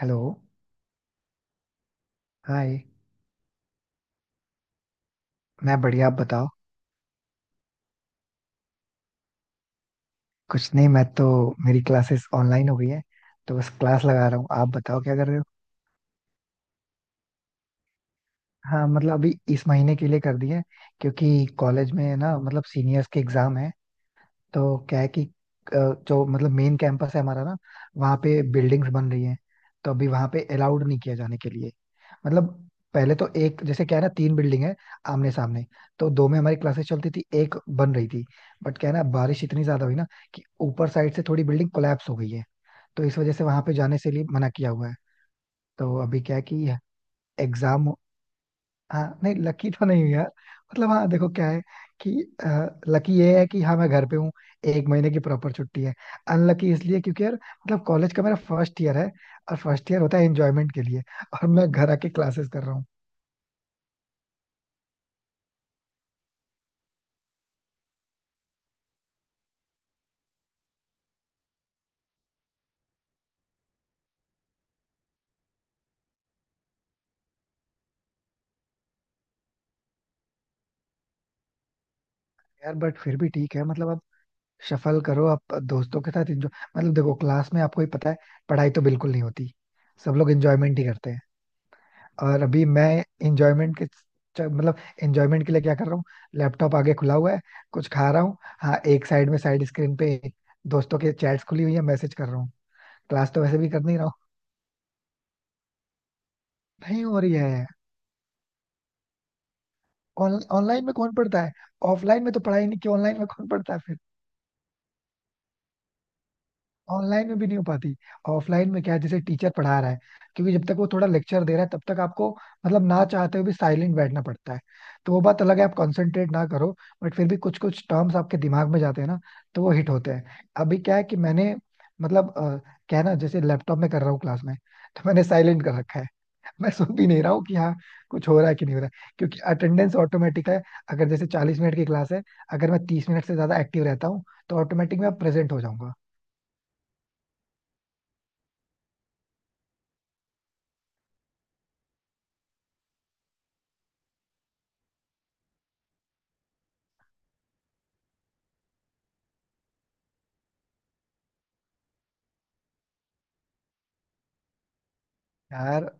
Hello. Hi. मैं बढ़िया, आप बताओ। कुछ नहीं, मैं तो, मेरी क्लासेस ऑनलाइन हो गई है, तो बस क्लास लगा रहा हूँ। आप बताओ क्या कर रहे हो। हाँ, मतलब अभी इस महीने के लिए कर दी है, क्योंकि कॉलेज में ना, मतलब सीनियर्स के एग्जाम है, तो क्या है कि जो मतलब मेन कैंपस है हमारा ना, वहाँ पे बिल्डिंग्स बन रही हैं, तो अभी वहाँ पे अलाउड नहीं किया जाने के लिए। मतलब पहले तो एक जैसे क्या है ना, तीन बिल्डिंग है आमने सामने, तो दो में हमारी क्लासेस चलती थी, एक बन रही थी। बट क्या है ना, बारिश इतनी ज्यादा हुई ना कि ऊपर साइड से थोड़ी बिल्डिंग कोलैप्स हो गई है, तो इस वजह से वहां पे जाने से लिए मना किया हुआ है। तो अभी क्या है कि एग्जाम। हाँ नहीं, लकी तो नहीं हूँ यार। मतलब हाँ, देखो क्या है कि लकी ये है कि हाँ, मैं घर पे हूँ, एक महीने की प्रॉपर छुट्टी है। अनलकी इसलिए क्योंकि यार मतलब कॉलेज का मेरा फर्स्ट ईयर है, और फर्स्ट ईयर होता है एंजॉयमेंट के लिए, और मैं घर आके क्लासेस कर रहा हूँ। यार बट फिर भी ठीक है। मतलब आप सफल करो, आप दोस्तों के साथ एंजॉय। मतलब देखो, क्लास में आपको ही पता है, पढ़ाई तो बिल्कुल नहीं होती, सब लोग एंजॉयमेंट ही करते हैं। और अभी मैं इंजॉयमेंट के मतलब इंजॉयमेंट के लिए क्या कर रहा हूँ, लैपटॉप आगे खुला हुआ है, कुछ खा रहा हूँ, हाँ एक साइड में साइड स्क्रीन पे दोस्तों के चैट्स खुली हुई है, मैसेज कर रहा हूँ। क्लास तो वैसे भी कर नहीं रहा हूँ, नहीं हो रही है। ऑनलाइन में कौन पढ़ता है। ऑफलाइन में तो पढ़ाई नहीं की, ऑनलाइन में कौन पढ़ता है फिर। ऑनलाइन में भी नहीं हो पाती। ऑफलाइन में क्या है, जैसे टीचर पढ़ा रहा है, क्योंकि जब तक वो थोड़ा लेक्चर दे रहा है, तब तक आपको मतलब ना चाहते हुए भी साइलेंट बैठना पड़ता है, तो वो बात अलग है आप कंसंट्रेट ना करो, बट फिर भी कुछ कुछ टर्म्स आपके दिमाग में जाते हैं ना, तो वो हिट होते हैं। अभी क्या है कि मैंने मतलब क्या है ना, जैसे लैपटॉप में कर रहा हूँ क्लास में, तो मैंने साइलेंट कर रखा है। मैं सुन भी नहीं रहा हूँ कि हाँ कुछ हो रहा है कि नहीं हो रहा है, क्योंकि अटेंडेंस ऑटोमेटिक है। अगर जैसे 40 मिनट की क्लास है, अगर मैं 30 मिनट से ज्यादा एक्टिव रहता हूँ, तो ऑटोमेटिक मैं प्रेजेंट हो जाऊंगा। यार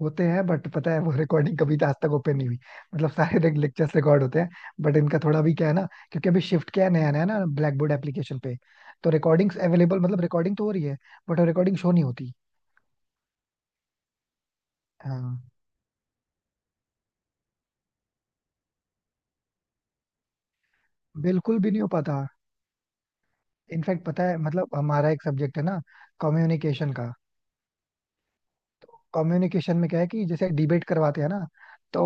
होते हैं, बट पता है वो रिकॉर्डिंग कभी आज तक ओपन नहीं हुई। मतलब सारे लेक्चर्स रिकॉर्ड होते हैं, बट इनका थोड़ा भी क्या है ना, क्योंकि अभी शिफ्ट क्या है, नया नया ना ब्लैक बोर्ड एप्लीकेशन पे, तो रिकॉर्डिंग्स अवेलेबल, मतलब रिकॉर्डिंग तो हो रही है, बट रिकॉर्डिंग शो नहीं होती। हाँ, बिल्कुल भी नहीं हो पाता। इनफैक्ट पता है, मतलब हमारा एक सब्जेक्ट है ना, कम्युनिकेशन का। कम्युनिकेशन में क्या है कि जैसे डिबेट करवाते हैं ना, तो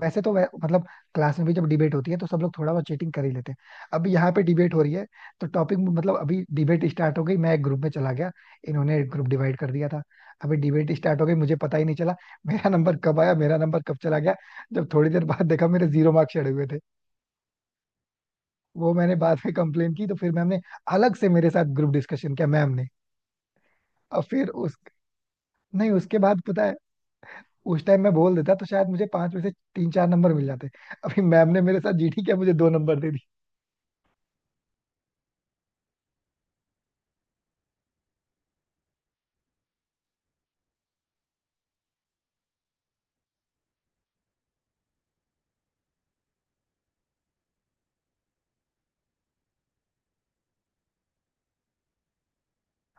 वैसे तो मतलब क्लास में भी जब डिबेट होती है, तो सब लोग थोड़ा बहुत चीटिंग कर ही लेते हैं। अभी यहाँ पे डिबेट हो रही है, तो टॉपिक मतलब अभी डिबेट स्टार्ट हो गई, मैं एक ग्रुप में चला गया, इन्होंने एक ग्रुप डिवाइड कर दिया था। अभी डिबेट स्टार्ट हो गई, मुझे पता ही नहीं चला मेरा नंबर कब आया, मेरा नंबर कब चला गया। जब थोड़ी देर बाद देखा, मेरे जीरो मार्क्स चढ़े हुए थे। वो मैंने बाद में कंप्लेन की, तो फिर मैम ने अलग से मेरे साथ ग्रुप डिस्कशन किया मैम ने। और फिर उस, नहीं उसके बाद पता है, उस टाइम मैं बोल देता तो शायद मुझे 5 में से 3 4 नंबर मिल जाते, अभी मैम ने मेरे साथ जीटी किया मुझे 2 नंबर दे दी।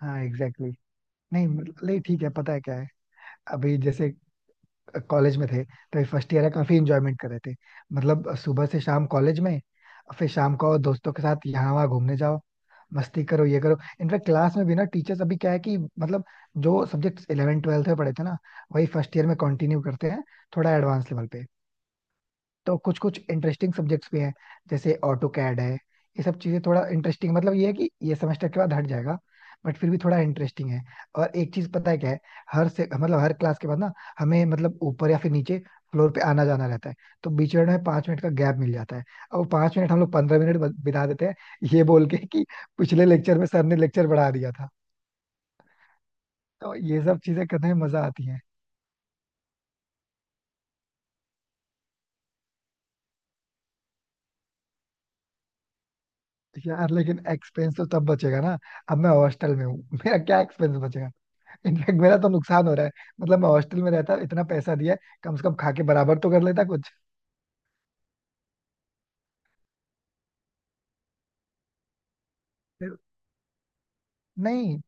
हाँ एग्जैक्टली exactly। नहीं मतलब- नहीं ठीक है, पता है क्या है, अभी जैसे कॉलेज में थे तो फर्स्ट ईयर है, काफी इंजॉयमेंट कर रहे थे। मतलब सुबह से शाम कॉलेज में, फिर शाम को दोस्तों के साथ यहाँ वहाँ घूमने जाओ, मस्ती करो, ये करो। इनफैक्ट क्लास में भी ना, टीचर्स अभी क्या है कि मतलब जो सब्जेक्ट्स 11 ट्वेल्थ में पढ़े थे ना, वही फर्स्ट ईयर में कंटिन्यू करते हैं, थोड़ा एडवांस लेवल पे। तो कुछ कुछ इंटरेस्टिंग सब्जेक्ट्स भी हैं, जैसे ऑटो कैड है, ये सब चीजें थोड़ा इंटरेस्टिंग, मतलब ये है कि ये सेमेस्टर के बाद हट जाएगा, बट फिर भी थोड़ा इंटरेस्टिंग है। और एक चीज पता है क्या है, हर से मतलब हर क्लास के बाद ना, हमें मतलब ऊपर या फिर नीचे फ्लोर पे आना जाना रहता है, तो बीच में हमें 5 मिनट का गैप मिल जाता है, और वो 5 मिनट हम लोग 15 मिनट बिता देते हैं, ये बोल के कि पिछले लेक्चर में सर ने लेक्चर बढ़ा दिया था। तो ये सब चीजें करने में मजा आती है। यार लेकिन एक्सपेंस तो तब बचेगा ना, अब मैं हॉस्टल में हूँ। मेरा क्या एक्सपेंस बचेगा। इनफैक्ट मेरा तो नुकसान हो रहा है, मतलब मैं हॉस्टल में रहता इतना पैसा दिया है, कम से कम खा के बराबर तो कर लेता कुछ। फिर- नहीं,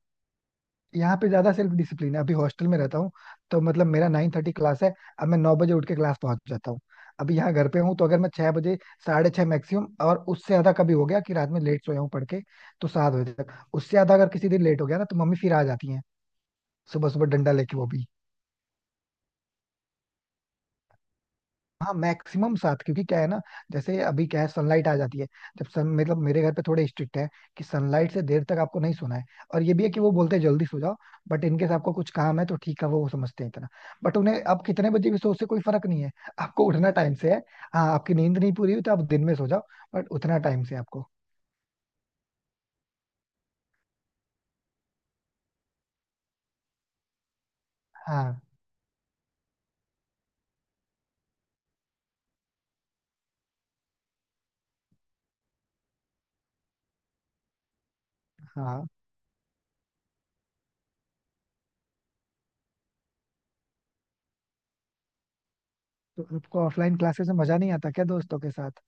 यहाँ पे ज्यादा सेल्फ डिसिप्लिन है, अभी हॉस्टल में रहता हूँ तो मतलब मेरा 9:30 क्लास है, अब मैं 9 बजे उठ के क्लास पहुंच जाता हूँ। अभी यहाँ घर पे हूँ, तो अगर मैं 6 बजे, 6:30 मैक्सिमम, और उससे ज्यादा कभी हो गया कि रात में लेट सोया हूँ पढ़ के, तो 7 बजे तक, उससे ज्यादा अगर किसी दिन लेट हो गया ना, तो मम्मी फिर आ जाती है सुबह सुबह डंडा लेके, वो भी। हाँ मैक्सिमम 7, क्योंकि क्या है ना, जैसे अभी क्या है, सनलाइट आ जाती है, जब सन मतलब मेरे घर पे थोड़े स्ट्रिक्ट है कि सनलाइट से देर तक आपको नहीं सोना है। और ये भी है कि वो बोलते हैं जल्दी सो जाओ, बट इनकेस आपको कुछ काम है तो ठीक है, वो समझते हैं इतना, बट उन्हें आप कितने बजे भी सो, उससे कोई फर्क नहीं है, आपको उठना टाइम से है। हाँ, आपकी नींद नहीं पूरी हुई तो आप दिन में सो जाओ, बट उतना टाइम से आपको। हाँ हाँ, तो आपको ऑफलाइन क्लासेस में मजा नहीं आता क्या दोस्तों के साथ।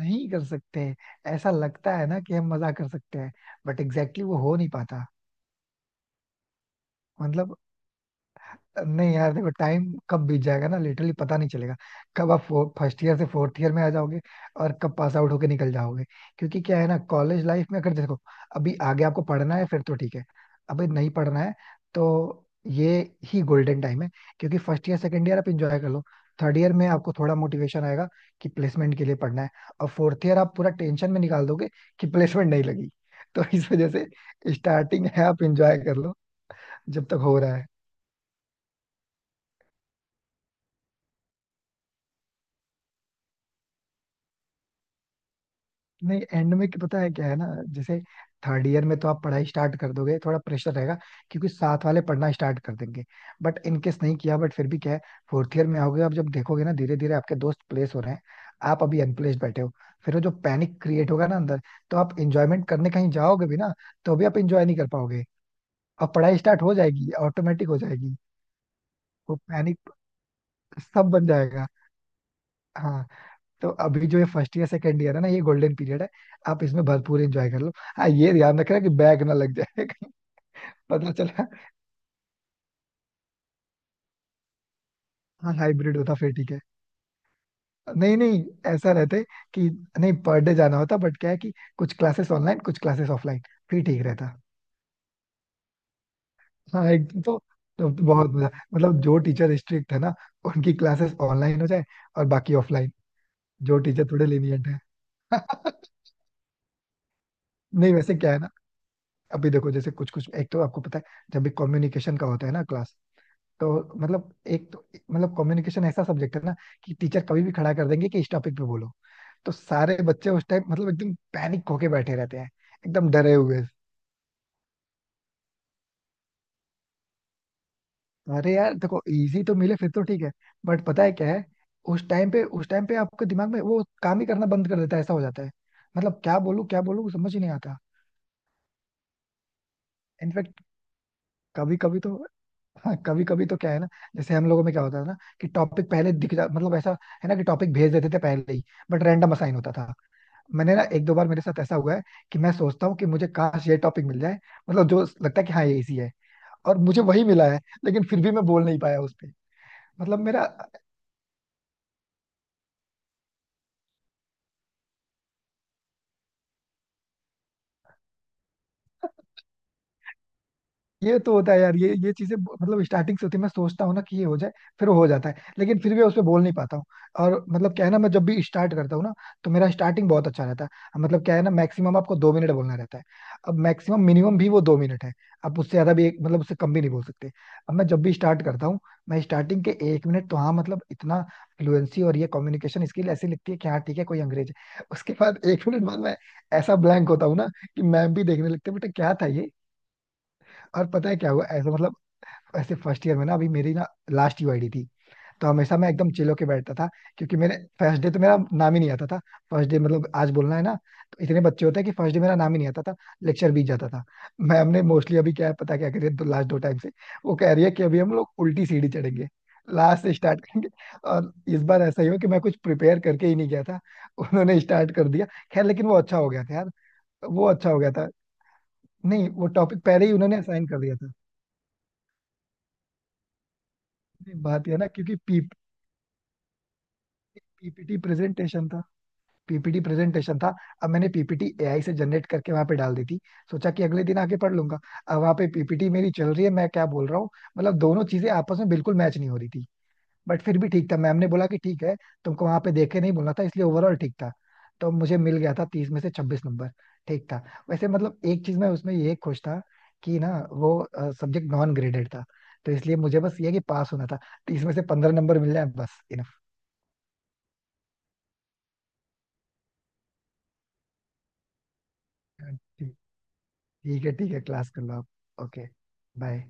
नहीं कर सकते। ऐसा लगता है ना कि हम मजा कर सकते हैं, बट एग्जैक्टली exactly वो हो नहीं पाता। मतलब नहीं यार, देखो टाइम कब बीत जाएगा ना, लिटरली पता नहीं चलेगा, कब आप फर्स्ट ईयर से फोर्थ ईयर में आ जाओगे और कब पास आउट होके निकल जाओगे। क्योंकि क्या है ना, कॉलेज लाइफ में अगर देखो, अभी आगे आपको पढ़ना है फिर तो ठीक है, अभी नहीं पढ़ना है तो ये ही गोल्डन टाइम है, क्योंकि फर्स्ट ईयर सेकेंड ईयर आप इंजॉय कर लो। थर्ड ईयर में आपको थोड़ा मोटिवेशन आएगा कि प्लेसमेंट के लिए पढ़ना है, और फोर्थ ईयर आप पूरा टेंशन में निकाल दोगे कि प्लेसमेंट नहीं लगी। तो इस वजह से स्टार्टिंग है, आप इंजॉय कर लो जब तक हो रहा है। नहीं एंड में क्या-, पता है क्या है ना, जैसे थर्ड ईयर में तो आप पढ़ाई स्टार्ट कर दोगे, थोड़ा प्रेशर रहेगा क्योंकि साथ वाले पढ़ना स्टार्ट कर देंगे, बट इनकेस नहीं किया बट फिर भी क्या है, फोर्थ ईयर में आओगे आप, जब देखोगे ना धीरे धीरे आपके दोस्त प्लेस हो रहे हैं, आप अभी अनप्लेस्ड बैठे हो, फिर वो जो पैनिक क्रिएट होगा ना अंदर, तो आप इंजॉयमेंट करने कहीं जाओगे भी ना, तो भी आप इंजॉय नहीं कर पाओगे। और पढ़ाई स्टार्ट हो जाएगी, ऑटोमेटिक हो जाएगी, वो पैनिक, सब बन जाएगा। हाँ। तो अभी जो ये फर्स्ट ईयर सेकंड ईयर है ना, ये गोल्डन पीरियड है, आप इसमें भरपूर एंजॉय कर लो, हाँ ये ध्यान रखना कि बैग ना लग जाए कहीं। पता चला। हाँ हाइब्रिड होता फिर ठीक है। नहीं नहीं, ऐसा रहते कि नहीं पर डे जाना होता, बट क्या है कि कुछ क्लासेस ऑनलाइन, कुछ क्लासेस ऑफलाइन, फिर ठीक रहता। हाँ एक तो बहुत मजा, मतलब जो टीचर स्ट्रिक्ट है ना, उनकी क्लासेस ऑनलाइन हो जाए, और बाकी ऑफलाइन, जो टीचर थोड़े lenient है। नहीं वैसे क्या है ना, अभी देखो जैसे कुछ कुछ एक तो आपको पता है, जब भी कम्युनिकेशन का होता है ना क्लास, तो मतलब एक तो मतलब कम्युनिकेशन ऐसा सब्जेक्ट है ना कि टीचर कभी भी खड़ा कर देंगे कि इस टॉपिक पे बोलो, तो सारे बच्चे उस टाइम मतलब एकदम पैनिक होके बैठे रहते हैं, एकदम डरे हुए। अरे यार देखो, इजी तो मिले फिर तो ठीक है, बट पता है क्या है, उस टाइम पे आपके दिमाग में वो काम ही करना बंद कर देता है, ऐसा हो जाता है, मतलब क्या बोलूं समझ ही नहीं आता। इनफैक्ट कभी कभी तो, हाँ कभी कभी तो क्या है ना, जैसे हम लोगों में क्या होता था ना कि टॉपिक पहले दिख जा, मतलब ऐसा है ना कि टॉपिक भेज देते थे पहले ही, बट रैंडम असाइन होता था। मैंने ना एक दो बार मेरे साथ ऐसा हुआ है कि मैं सोचता हूँ कि मुझे काश ये टॉपिक मिल जाए, मतलब जो लगता है कि हाँ ये इसी है, और मुझे वही मिला है, लेकिन फिर भी मैं बोल नहीं पाया उस पे। मतलब मेरा ये तो होता है यार, ये चीजें मतलब स्टार्टिंग से होती है, मैं सोचता हूँ ना कि ये हो जाए, फिर वो हो जाता है, लेकिन फिर भी उस पर बोल नहीं पाता हूँ। और मतलब क्या है ना, मैं जब भी स्टार्ट करता हूँ ना, तो मेरा स्टार्टिंग बहुत अच्छा रहता है, मतलब क्या है ना, मैक्सिमम आपको 2 मिनट बोलना रहता है, अब मैक्सिमम मिनिमम भी वो 2 मिनट है, आप उससे ज्यादा भी एक मतलब उससे कम भी नहीं बोल सकते। अब मैं जब भी स्टार्ट करता हूँ, मैं स्टार्टिंग के 1 मिनट तो हाँ मतलब इतना फ्लुएंसी और ये कम्युनिकेशन स्किल ऐसी लगती है कि हाँ ठीक है, कोई अंग्रेज है, उसके बाद 1 मिनट बाद मैं ऐसा ब्लैंक होता हूँ ना कि मैम भी देखने लगते हैं बेटा क्या था ये। और पता है क्या हुआ ऐसा, मतलब ऐसे फर्स्ट ईयर में ना, अभी मेरी ना लास्ट यूआईडी थी, तो हमेशा मैं एकदम चिल होके बैठता था, क्योंकि मेरे फर्स्ट डे तो मेरा नाम ही नहीं आता था, फर्स्ट डे मतलब आज बोलना है ना, तो इतने बच्चे होते हैं कि फर्स्ट डे मेरा नाम ही नहीं आता था, लेक्चर बीत जाता था। मैं हमने मोस्टली अभी क्या है, पता क्या करिए तो लास्ट दो टाइम से वो कह रही है कि अभी हम लोग उल्टी सीढ़ी चढ़ेंगे, लास्ट से स्टार्ट करेंगे। और इस बार ऐसा ही हो कि मैं कुछ प्रिपेयर करके ही नहीं गया था, उन्होंने स्टार्ट कर दिया। खैर लेकिन वो अच्छा हो गया था यार, वो अच्छा हो गया था। नहीं वो टॉपिक पहले ही उन्होंने असाइन कर दिया था। बात यह है ना क्योंकि पीपीटी प्रेजेंटेशन था, पीपीटी प्रेजेंटेशन था। अब मैंने पीपीटी एआई से जनरेट करके वहां पे डाल दी थी, सोचा कि अगले दिन आके पढ़ लूंगा। अब वहां पे पीपीटी मेरी चल रही है, मैं क्या बोल रहा हूँ, मतलब दोनों चीजें आपस में बिल्कुल मैच नहीं हो रही थी। बट फिर भी ठीक था, मैम ने बोला कि ठीक है, तुमको वहां पे देख के नहीं बोलना था, इसलिए ओवरऑल ठीक था। तो मुझे मिल गया था 30 में से 26 नंबर, ठीक था। वैसे मतलब एक चीज में उसमें ये खुश था कि ना वो सब्जेक्ट नॉन ग्रेडेड था, तो इसलिए मुझे बस ये है कि पास होना था, 30 में से 15 नंबर मिल जाए बस। इनफ, ठीक है ठीक है, क्लास कर लो आप। Okay, bye.